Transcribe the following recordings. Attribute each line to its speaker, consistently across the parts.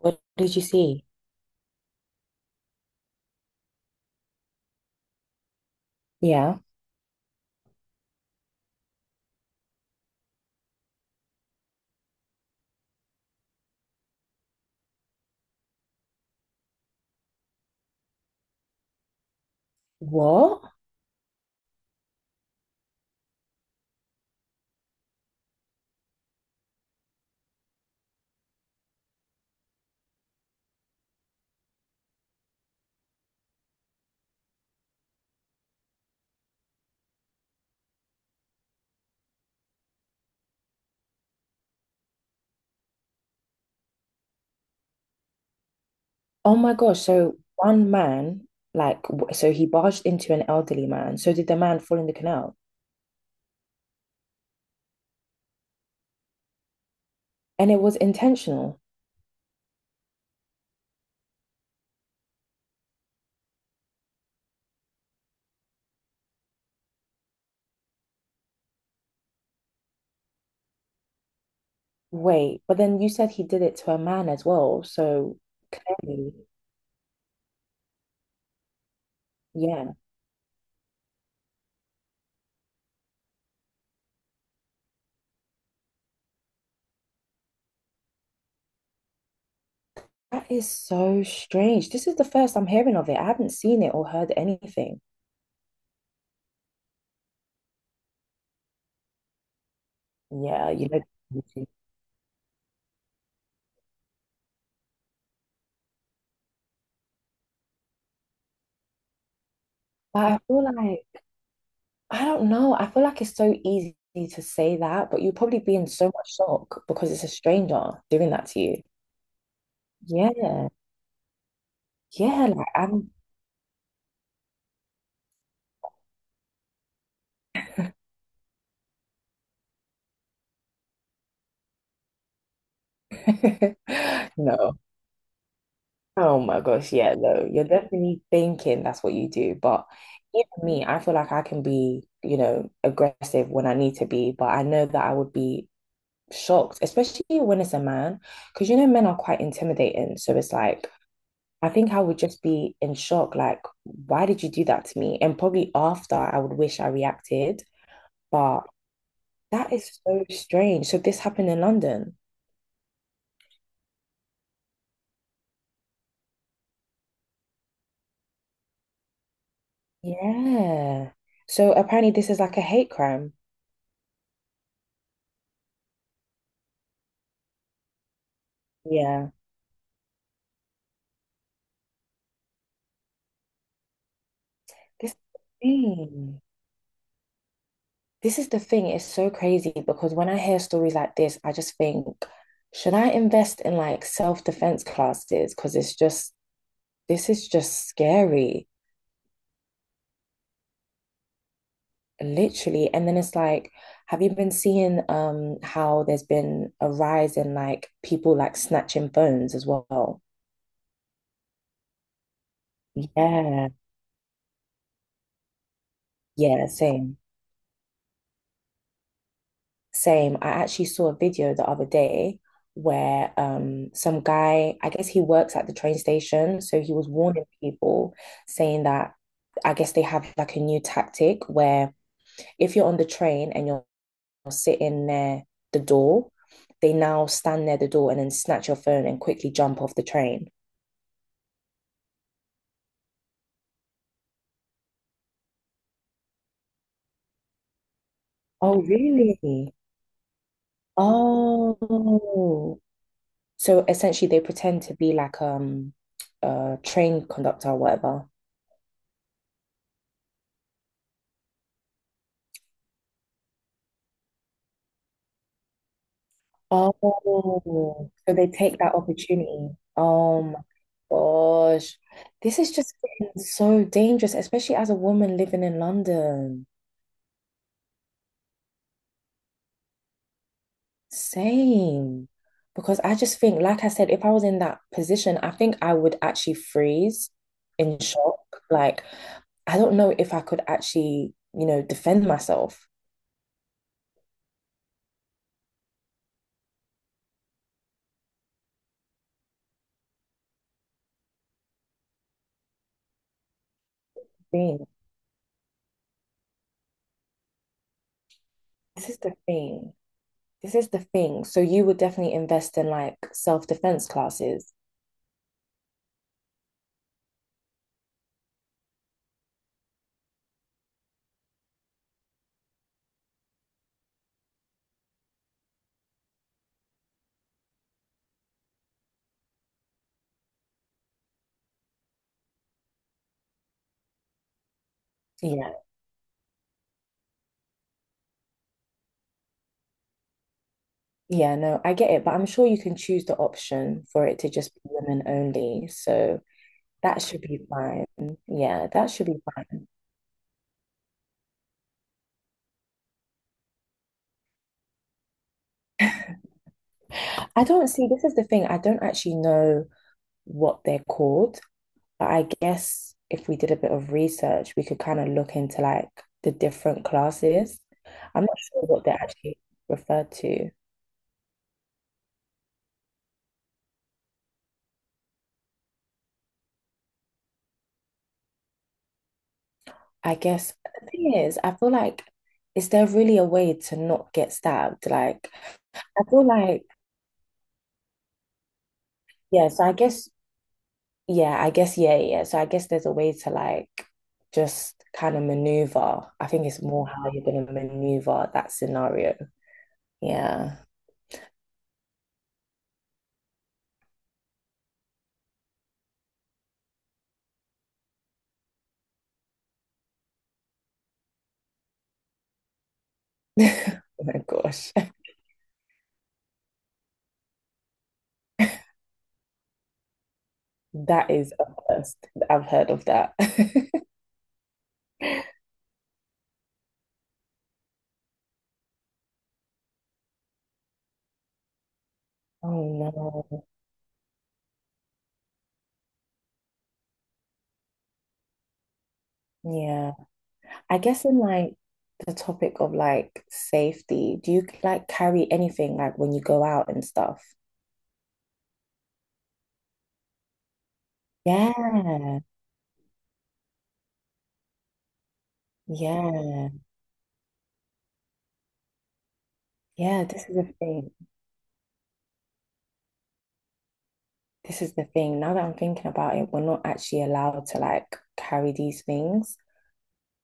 Speaker 1: What did you see? Yeah. What? Oh my gosh. So one man, like, so he barged into an elderly man. So did the man fall in the canal? And it was intentional. Wait, but then you said he did it to a man as well. So clearly, yeah. That is so strange. This is the first I'm hearing of it. I haven't seen it or heard anything. Yeah, you know. But I feel like I don't know. I feel like it's so easy to say that, but you'll probably be in so much shock because it's a stranger doing that to you. Yeah. Yeah, like I'm no. Oh my gosh, yeah, no. You're definitely thinking that's what you do, but even me, I feel like I can be, you know, aggressive when I need to be, but I know that I would be shocked, especially when it's a man, because you know men are quite intimidating. So it's like I think I would just be in shock, like, why did you do that to me? And probably after I would wish I reacted, but that is so strange. So this happened in London. Yeah. So apparently this is like a hate crime. Yeah. This is the thing. This is the thing. It's so crazy because when I hear stories like this, I just think, should I invest in like self-defense classes? Because this is just scary. Literally. And then it's like, have you been seeing how there's been a rise in like people like snatching phones as well? Yeah, yeah, same. Same. I actually saw a video the other day where some guy, I guess he works at the train station, so he was warning people saying that I guess they have like a new tactic where if you're on the train and you're sitting near the door, they now stand near the door and then snatch your phone and quickly jump off the train. Oh, really? Oh. So essentially they pretend to be like a train conductor or whatever. Oh, so they take that opportunity. Oh my gosh. This is just getting so dangerous, especially as a woman living in London. Same. Because I just think, like I said, if I was in that position, I think I would actually freeze in shock. Like, I don't know if I could actually, you know, defend myself. Thing. This is the thing. This is the thing. So you would definitely invest in like self-defense classes. Yeah. Yeah, no, I get it, but I'm sure you can choose the option for it to just be women only. So that should be fine. Yeah, that should be fine. I don't see, this is the thing, I don't actually know what they're called, but I guess if we did a bit of research, we could kind of look into like the different classes. I'm not sure what they're actually referred to. I guess the thing is, I feel like, is there really a way to not get stabbed? Like, I feel like, yeah, so I guess, yeah, yeah. So I guess there's a way to like just kind of maneuver. I think it's more how you're going to maneuver that scenario. Yeah. Oh my gosh. That is a first. I've heard of that. Oh no. Yeah. I guess in like the topic of like safety, do you like carry anything like when you go out and stuff? Yeah. Yeah. Yeah. This is a thing. This is the thing. Now that I'm thinking about it, we're not actually allowed to like carry these things.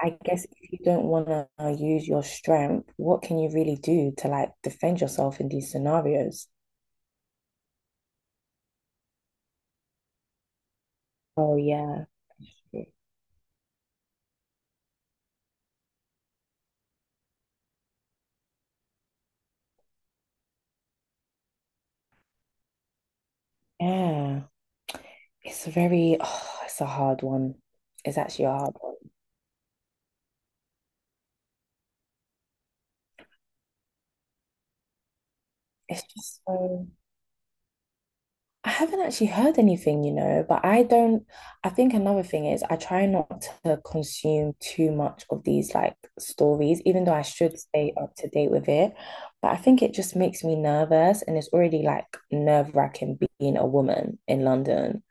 Speaker 1: I guess if you don't want to use your strength, what can you really do to like defend yourself in these scenarios? Oh, yeah. Yeah. It's very, oh, it's a hard one. It's actually a hard one. It's just so, I haven't actually heard anything, you know, but I don't. I think another thing is I try not to consume too much of these like stories, even though I should stay up to date with it. But I think it just makes me nervous, and it's already like nerve-wracking being a woman in London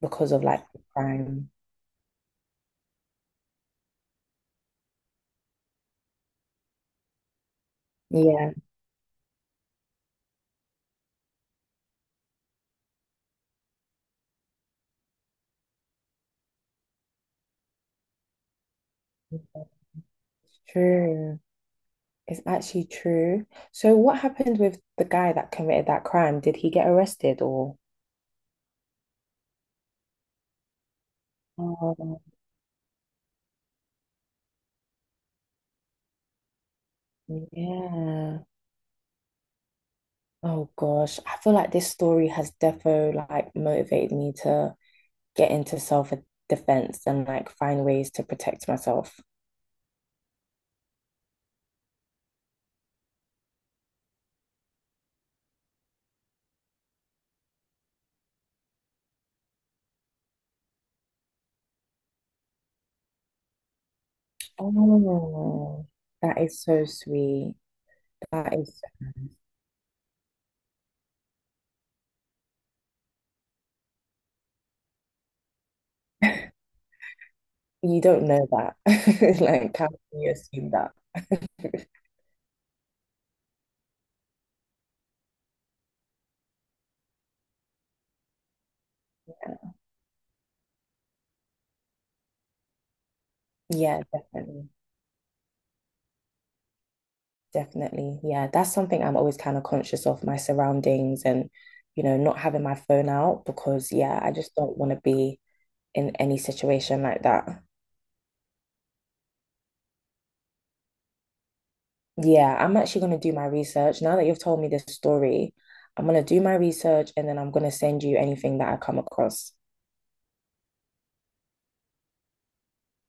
Speaker 1: because of like the crime. Yeah, true. It's actually true. So what happened with the guy that committed that crime? Did he get arrested or? Oh, yeah. Oh gosh, I feel like this story has defo like motivated me to get into self-defense and like find ways to protect myself. Oh, that is so sweet. That is, so you don't know that. Like, how can you assume that? Yeah, definitely. Definitely. Yeah, that's something I'm always kind of conscious of my surroundings and, you know, not having my phone out because, yeah, I just don't want to be in any situation like that. Yeah, I'm actually going to do my research. Now that you've told me this story, I'm going to do my research and then I'm going to send you anything that I come across.